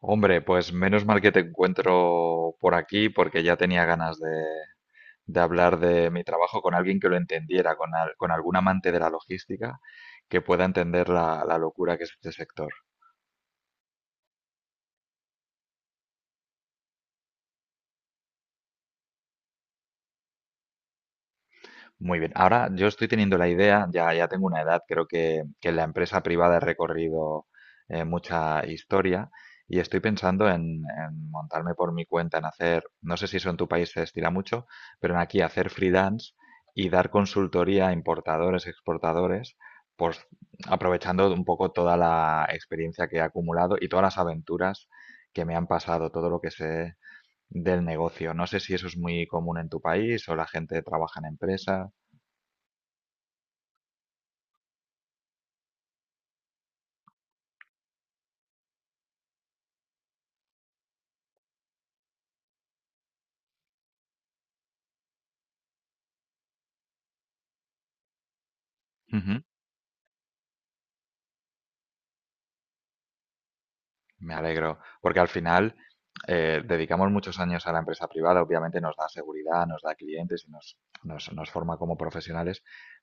Hombre, pues menos mal que te encuentro por aquí porque ya tenía ganas de hablar de mi trabajo con alguien que lo entendiera, con algún amante de la logística que pueda entender la locura que es este sector. Muy bien. Ahora yo estoy teniendo la idea, ya tengo una edad, creo que en la empresa privada he recorrido mucha historia y estoy pensando en montarme por mi cuenta, en hacer, no sé si eso en tu país se estila mucho, pero en aquí hacer freelance y dar consultoría a importadores, exportadores, pues aprovechando un poco toda la experiencia que he acumulado y todas las aventuras que me han pasado, todo lo que sé del negocio. No sé si eso es muy común en tu país o la gente trabaja en empresas. Ujú. Me alegro, porque al final dedicamos muchos años a la empresa privada, obviamente nos da seguridad, nos da clientes y nos forma como profesionales,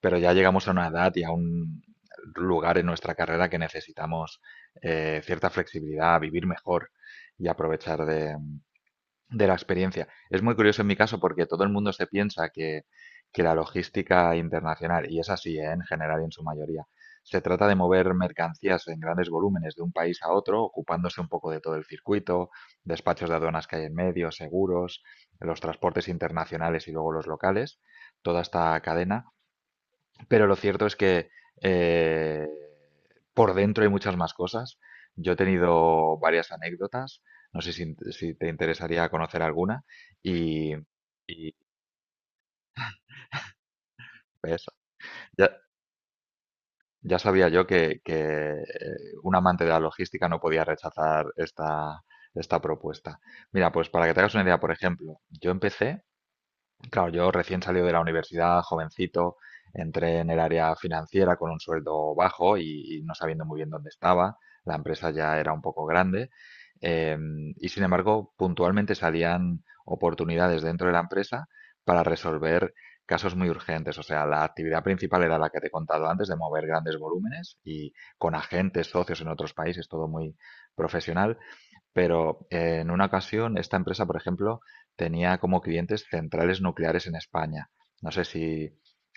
pero ya llegamos a una edad y a un lugar en nuestra carrera que necesitamos cierta flexibilidad, vivir mejor y aprovechar de la experiencia. Es muy curioso en mi caso porque todo el mundo se piensa que la logística internacional, y es así, ¿eh? En general y en su mayoría, se trata de mover mercancías en grandes volúmenes de un país a otro, ocupándose un poco de todo el circuito, despachos de aduanas que hay en medio, seguros, los transportes internacionales y luego los locales, toda esta cadena. Pero lo cierto es que eh, por dentro hay muchas más cosas. Yo he tenido varias anécdotas, no sé si te interesaría conocer alguna. Y, y ves, ya, ya sabía yo eh, un amante de la logística no podía rechazar esta propuesta. Mira, pues para que te hagas una idea, por ejemplo, yo empecé claro, yo recién salido de la universidad, jovencito, entré en el área financiera con un sueldo bajo y no sabiendo muy bien dónde estaba. La empresa ya era un poco grande. Y sin embargo, puntualmente salían oportunidades dentro de la empresa para resolver casos muy urgentes. O sea, la actividad principal era la que te he contado antes, de mover grandes volúmenes y con agentes, socios en otros países, todo muy profesional. Pero en una ocasión, esta empresa, por ejemplo, tenía como clientes centrales nucleares en España. No sé si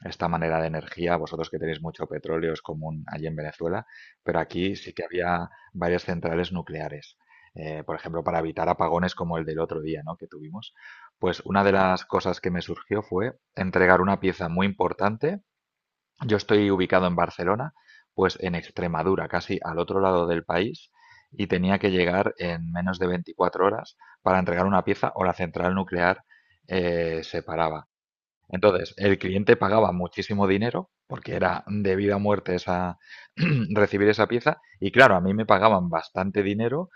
esta manera de energía, vosotros que tenéis mucho petróleo, es común allí en Venezuela, pero aquí sí que había varias centrales nucleares. Por ejemplo, para evitar apagones como el del otro día, ¿no? Que tuvimos. Pues una de las cosas que me surgió fue entregar una pieza muy importante. Yo estoy ubicado en Barcelona, pues en Extremadura, casi al otro lado del país, y tenía que llegar en menos de 24 horas para entregar una pieza o la central nuclear se paraba. Entonces, el cliente pagaba muchísimo dinero porque era de vida o muerte esa, recibir esa pieza y claro, a mí me pagaban bastante dinero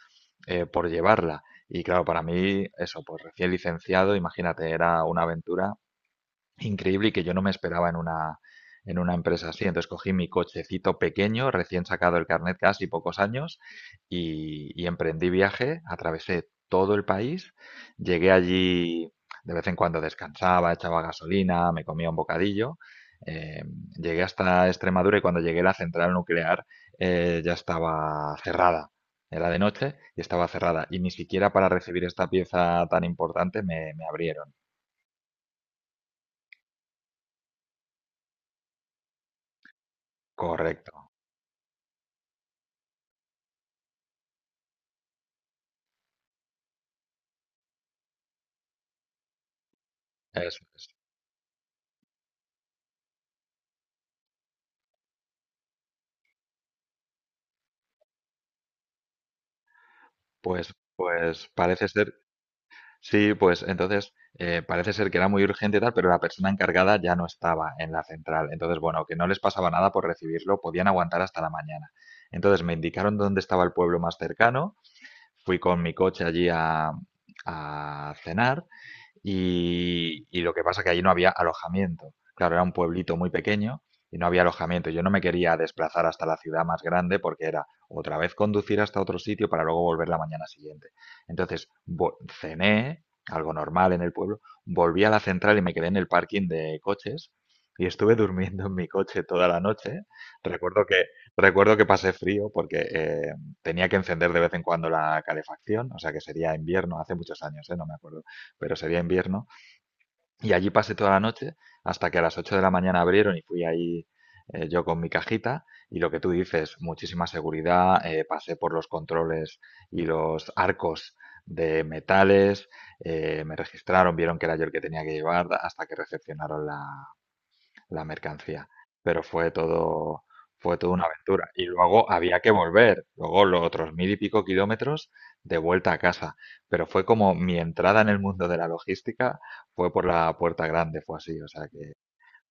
por llevarla. Y claro, para mí eso, pues recién licenciado, imagínate, era una aventura increíble y que yo no me esperaba en una empresa así. Entonces cogí mi cochecito pequeño, recién sacado el carnet casi pocos años, y emprendí viaje, atravesé todo el país, llegué allí, de vez en cuando descansaba, echaba gasolina, me comía un bocadillo. eh, Llegué hasta Extremadura y cuando llegué la central nuclear ya estaba cerrada. Era de noche y estaba cerrada. Y ni siquiera para recibir esta pieza tan importante me abrieron. Correcto. Eso es. Pues parece ser, sí. Pues entonces, parece ser que era muy urgente y tal, pero la persona encargada ya no estaba en la central. Entonces, bueno, que no les pasaba nada por recibirlo, podían aguantar hasta la mañana. Entonces, me indicaron dónde estaba el pueblo más cercano, fui con mi coche allí a cenar y lo que pasa que allí no había alojamiento. Claro, era un pueblito muy pequeño y no había alojamiento. Yo no me quería desplazar hasta la ciudad más grande porque era otra vez conducir hasta otro sitio para luego volver la mañana siguiente. Entonces cené algo normal en el pueblo, volví a la central y me quedé en el parking de coches y estuve durmiendo en mi coche toda la noche. Recuerdo que, recuerdo que pasé frío porque tenía que encender de vez en cuando la calefacción, o sea que sería invierno, hace muchos años, ¿eh? No me acuerdo, pero sería invierno. Y allí pasé toda la noche hasta que a las 8 de la mañana abrieron y fui ahí yo con mi cajita. Y lo que tú dices, muchísima seguridad, pasé por los controles y los arcos de metales, me registraron, vieron que era yo el que tenía que llevar hasta que recepcionaron la mercancía. Pero fue todo, fue toda una aventura. Y luego había que volver, luego los otros mil y pico kilómetros de vuelta a casa. Pero fue como mi entrada en el mundo de la logística, fue por la puerta grande, fue así. O sea que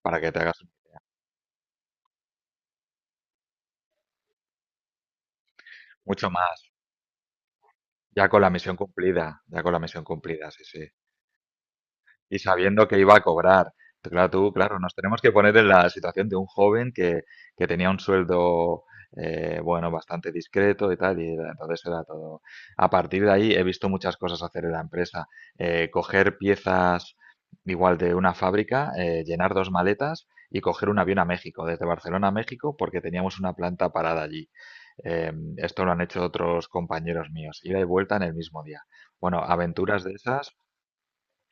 para que te hagas mucho más, ya con la misión cumplida, ya con la misión cumplida, sí, sí. Y sabiendo que iba a cobrar. Pero claro, tú, claro, nos tenemos que poner en la situación de un joven que tenía un sueldo, bueno, bastante discreto y tal, y entonces era todo. A partir de ahí he visto muchas cosas hacer en la empresa. Coger piezas igual de una fábrica, llenar dos maletas y coger un avión a México, desde Barcelona a México, porque teníamos una planta parada allí. Eh, Esto lo han hecho otros compañeros míos, ida y vuelta en el mismo día. Bueno, aventuras de esas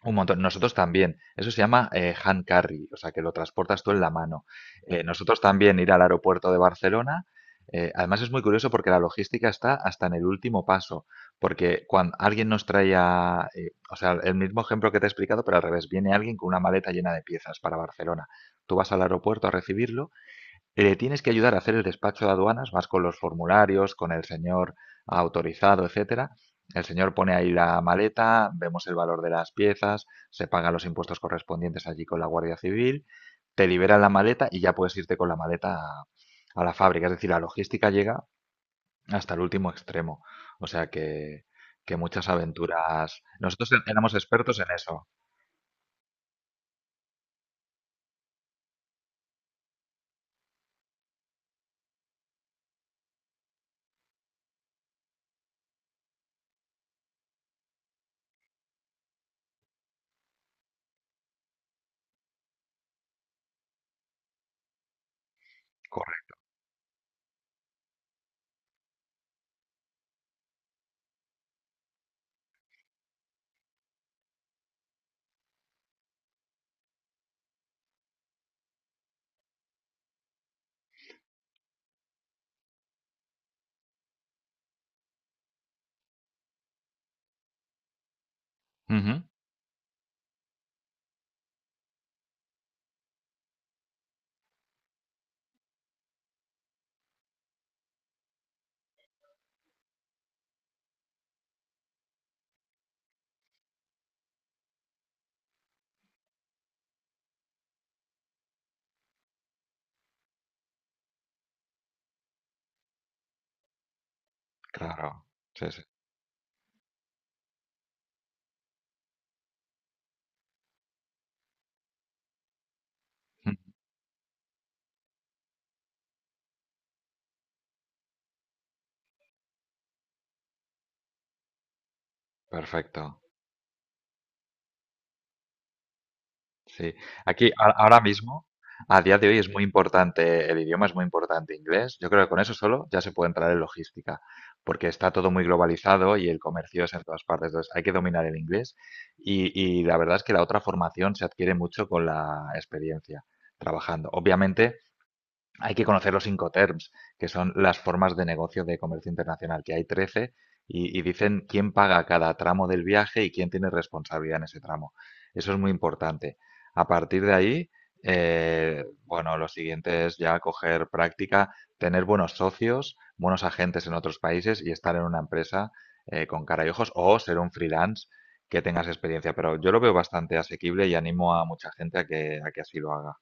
un montón. Nosotros también. Eso se llama hand carry, o sea, que lo transportas tú en la mano. Nosotros también ir al aeropuerto de Barcelona, además es muy curioso porque la logística está hasta en el último paso, porque cuando alguien nos traía, o sea, el mismo ejemplo que te he explicado, pero al revés, viene alguien con una maleta llena de piezas para Barcelona. Tú vas al aeropuerto a recibirlo, le tienes que ayudar a hacer el despacho de aduanas, vas con los formularios, con el señor autorizado, etcétera. El señor pone ahí la maleta, vemos el valor de las piezas, se pagan los impuestos correspondientes allí con la Guardia Civil, te liberan la maleta y ya puedes irte con la maleta a la fábrica. Es decir, la logística llega hasta el último extremo. O sea que muchas aventuras. Nosotros éramos expertos en eso. Correcto. Ujú. Claro. Sí, sí. Mm. Perfecto. Sí, aquí ahora mismo, a día de hoy es muy importante, el idioma es muy importante, inglés. Yo creo que con eso solo ya se puede entrar en logística, porque está todo muy globalizado y el comercio es en todas partes. Entonces hay que dominar el inglés y, y la verdad es que la otra formación se adquiere mucho con la experiencia trabajando. Obviamente, hay que conocer los Incoterms, que son las formas de negocio de comercio internacional, que hay 13 y dicen quién paga cada tramo del viaje y quién tiene responsabilidad en ese tramo. Eso es muy importante. A partir de ahí, bueno, lo siguiente es ya coger práctica, tener buenos socios, buenos agentes en otros países y estar en una empresa con cara y ojos o ser un freelance que tengas experiencia. Pero yo lo veo bastante asequible y animo a mucha gente a que así lo haga.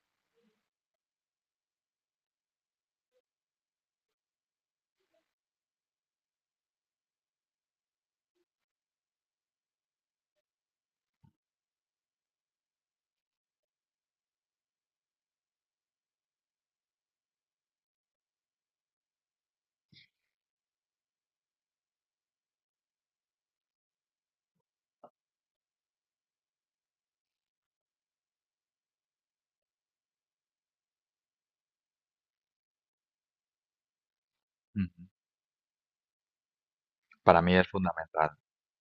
Mm. Para mí es fundamental.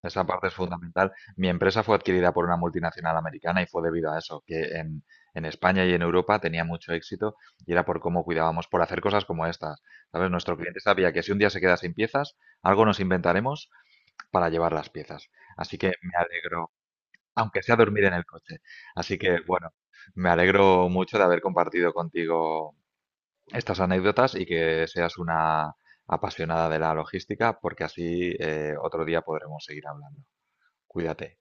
Esa parte es fundamental. Mi empresa fue adquirida por una multinacional americana y fue debido a eso, que en España y en Europa tenía mucho éxito y era por cómo cuidábamos, por hacer cosas como estas. ¿Sabes? Nuestro cliente sabía que si un día se queda sin piezas, algo nos inventaremos para llevar las piezas. Así que me alegro, aunque sea dormir en el coche. Así que, bueno, me alegro mucho de haber compartido contigo estas anécdotas y que seas una apasionada de la logística, porque así otro día podremos seguir hablando. Cuídate.